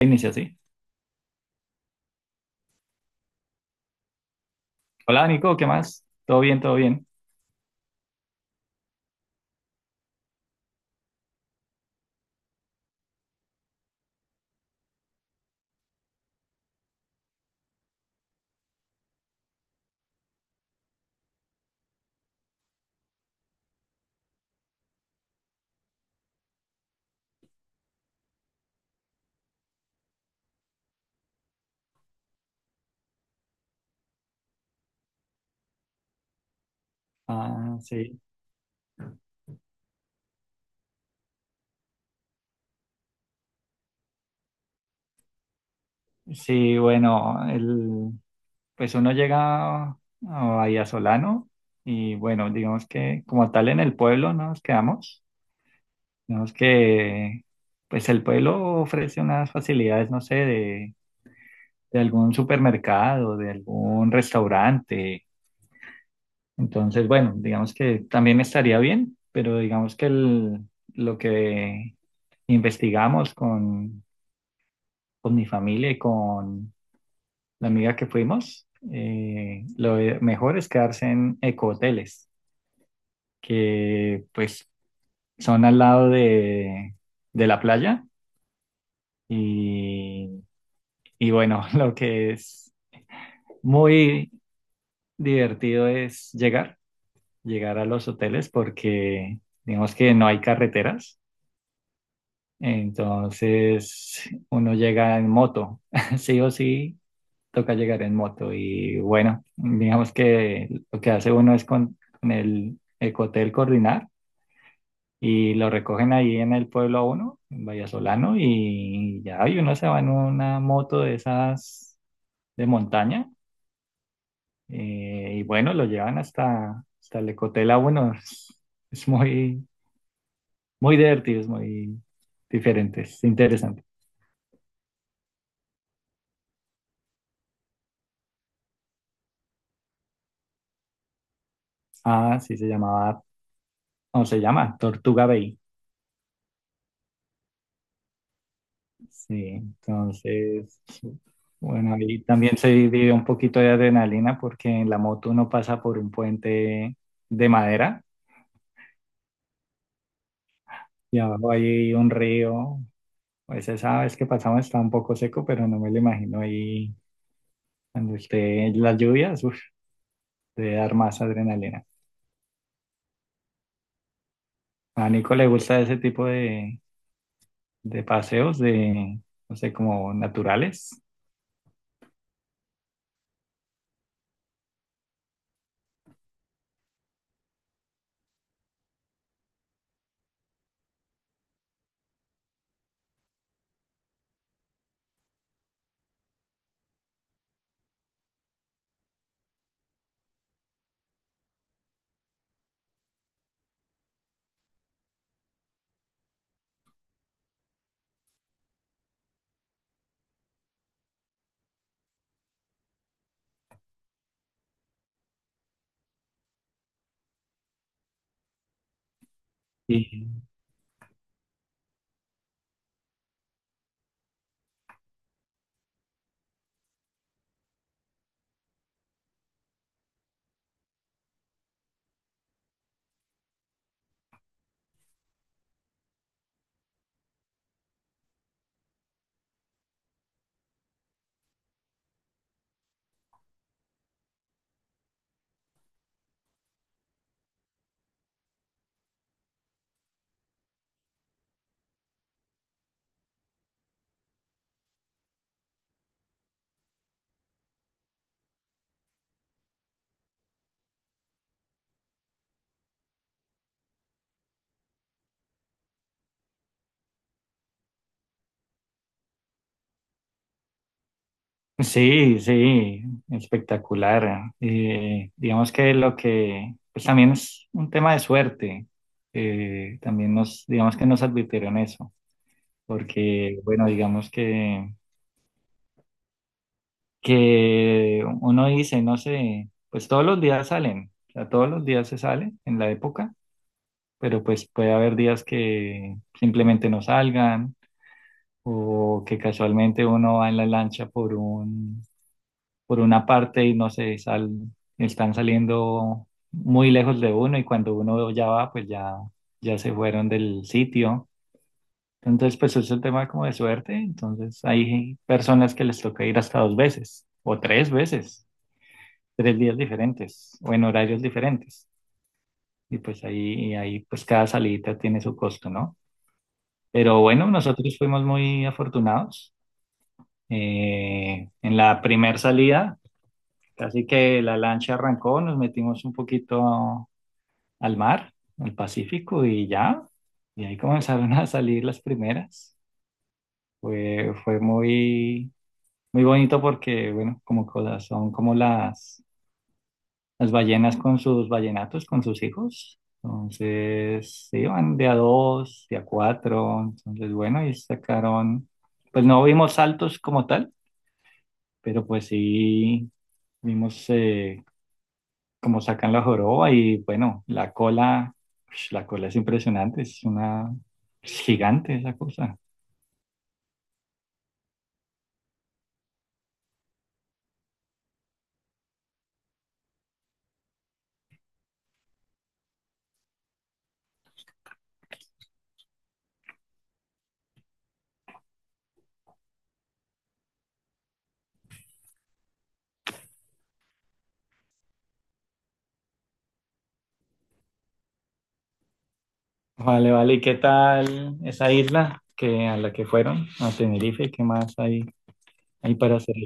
Inicia así. Hola Nico, ¿qué más? ¿Todo bien, todo bien? Ah, sí. Sí, bueno, pues uno llega a Bahía Solano y bueno, digamos que como tal en el pueblo no nos quedamos. Digamos que pues el pueblo ofrece unas facilidades, no sé, de algún supermercado, de algún restaurante. Entonces, bueno, digamos que también estaría bien, pero digamos que lo que investigamos con mi familia y con la amiga que fuimos, lo mejor es quedarse en ecohoteles, que pues son al lado de la playa y, y bueno, lo que es muy divertido es llegar, llegar a los hoteles porque digamos que no hay carreteras, entonces uno llega en moto, sí o sí toca llegar en moto y bueno, digamos que lo que hace uno es con el ecotel coordinar y lo recogen ahí en el pueblo a uno, en Vallasolano, y ya y uno se va en una moto de esas de montaña y bueno, lo llevan hasta el ecotel a uno. Es muy divertido, es muy diferente, es interesante. Ah, sí, o se llama Tortuga Bay. Sí, entonces, bueno, ahí también se vive un poquito de adrenalina porque en la moto uno pasa por un puente de madera y abajo hay un río. Pues esa vez que pasamos está un poco seco, pero no me lo imagino ahí cuando esté las lluvias, uf, debe dar más adrenalina. A Nico le gusta ese tipo de paseos de, no sé, como naturales. Sí, sí, espectacular. Digamos que lo que, pues también es un tema de suerte. También nos, digamos que nos advirtieron eso, porque, bueno, digamos que uno dice, no sé, pues todos los días salen, o sea, todos los días se sale en la época, pero pues puede haber días que simplemente no salgan o que casualmente uno va en la lancha por una parte y no sé, están saliendo muy lejos de uno y cuando uno ya va, pues ya se fueron del sitio. Entonces, pues es un tema como de suerte. Entonces, hay personas que les toca ir hasta 2 veces o 3 veces, 3 días diferentes o en horarios diferentes. Y ahí pues cada salida tiene su costo, ¿no? Pero bueno, nosotros fuimos muy afortunados. En la primera salida casi que la lancha arrancó, nos metimos un poquito al mar, al Pacífico, y ya. Y ahí comenzaron a salir las primeras. Fue muy, muy bonito porque, bueno, como cosas, son como las ballenas con sus ballenatos, con sus hijos. Entonces, se iban de a dos, de a cuatro. Entonces, bueno, y sacaron, pues no vimos saltos como tal, pero pues sí vimos como sacan la joroba y bueno, la cola, ush, la cola es impresionante, es gigante esa cosa. Vale, vale, ¿y qué tal esa isla que a la que fueron, a Tenerife? ¿Qué más hay, hay para hacer?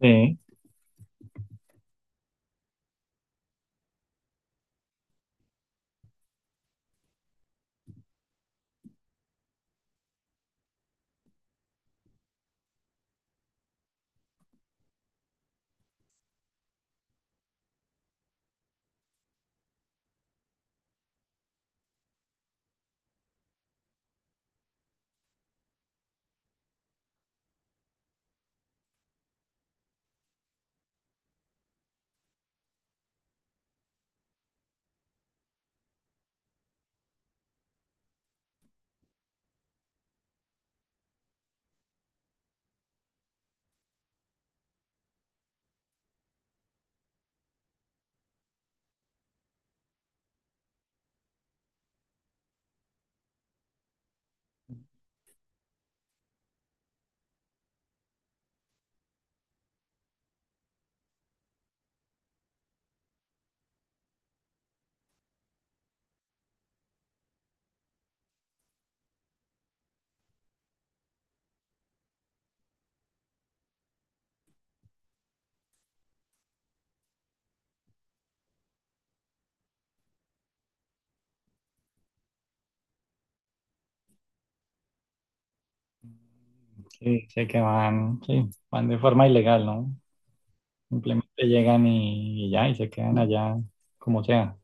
Sí, sí, sé que van, sí, van de forma ilegal, ¿no? Simplemente llegan y ya, y se quedan allá como sea.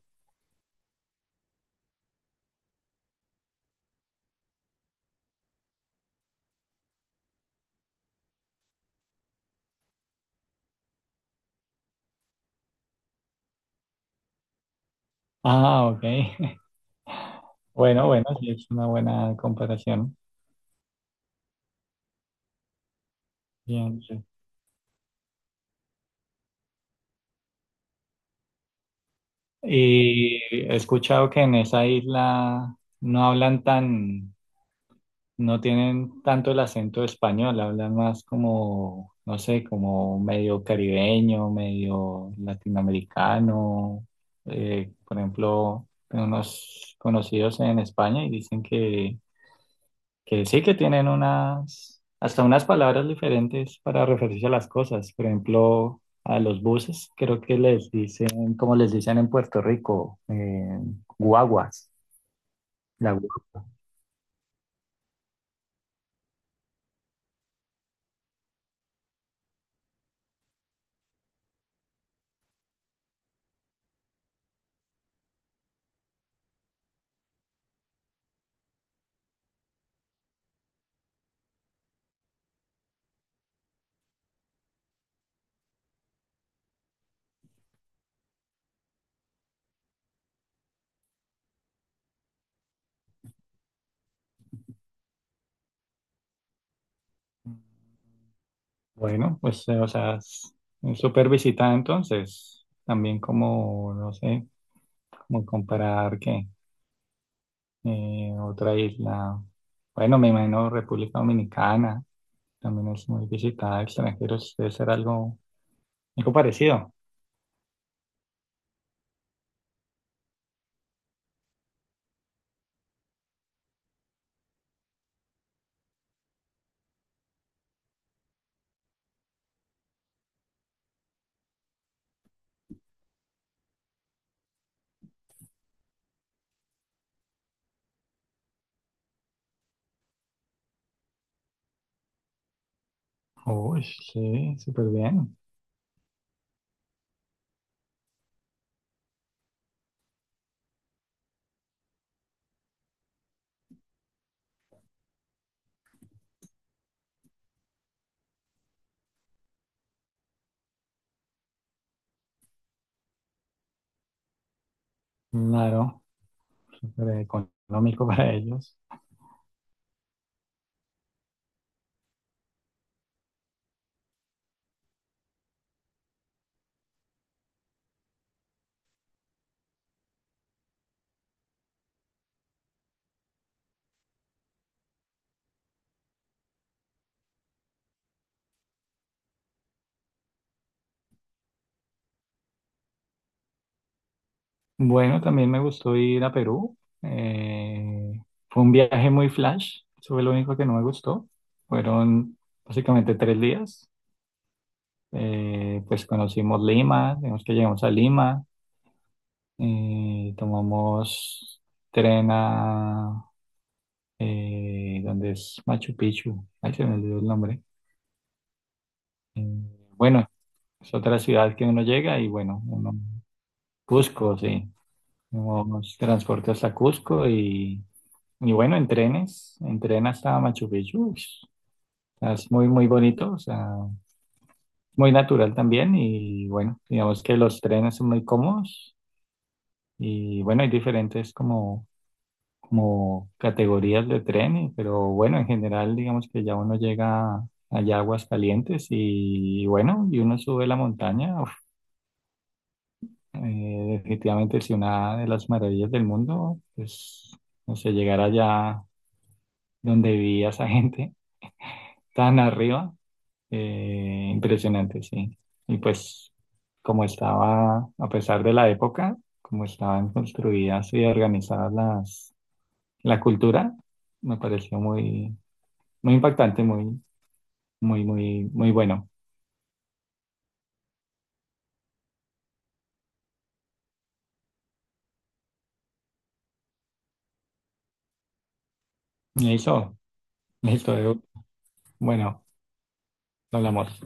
Ah, ok. Bueno, bueno, sí, es una buena comparación. Bien. Sí. Y he escuchado que en esa isla no hablan tan, no tienen tanto el acento español, hablan más como, no sé, como medio caribeño, medio latinoamericano. Por ejemplo, tengo unos conocidos en España y dicen que sí que tienen unas, hasta unas palabras diferentes para referirse a las cosas. Por ejemplo, a los buses, creo que les dicen, como les dicen en Puerto Rico, guaguas, la guagua. Bueno, pues, o sea, es súper visitada entonces. También como, no sé, como comparar que otra isla, bueno, me imagino República Dominicana, también es muy visitada, extranjeros, debe ser algo, algo parecido. Uy, sí, súper bien. Claro, súper económico para ellos. Bueno, también me gustó ir a Perú. Eh, Fue un viaje muy flash. Eso fue lo único que no me gustó. Fueron básicamente 3 días. Pues conocimos Lima, digamos que llegamos a Lima. Tomamos tren a... donde es Machu Picchu. Ay, se me olvidó el nombre. Eh, bueno, es otra ciudad que uno llega y bueno, uno... Cusco, sí. Nos transporte hasta Cusco y bueno, en tren hasta Machu Picchu. Ush, o sea, es muy, muy bonito, o sea, muy natural también y bueno, digamos que los trenes son muy cómodos y bueno, hay diferentes como, como categorías de tren, y- pero bueno, en general digamos que ya uno llega allá a Aguascalientes y, bueno, y uno sube la montaña. Eh, Definitivamente sí, una de las maravillas del mundo, pues, no sé, llegar allá donde vivía esa gente, tan arriba, impresionante, sí. Y pues, como estaba, a pesar de la época, como estaban construidas y organizadas la cultura, me pareció muy, muy impactante, muy bueno. Y eso, bueno, hablamos.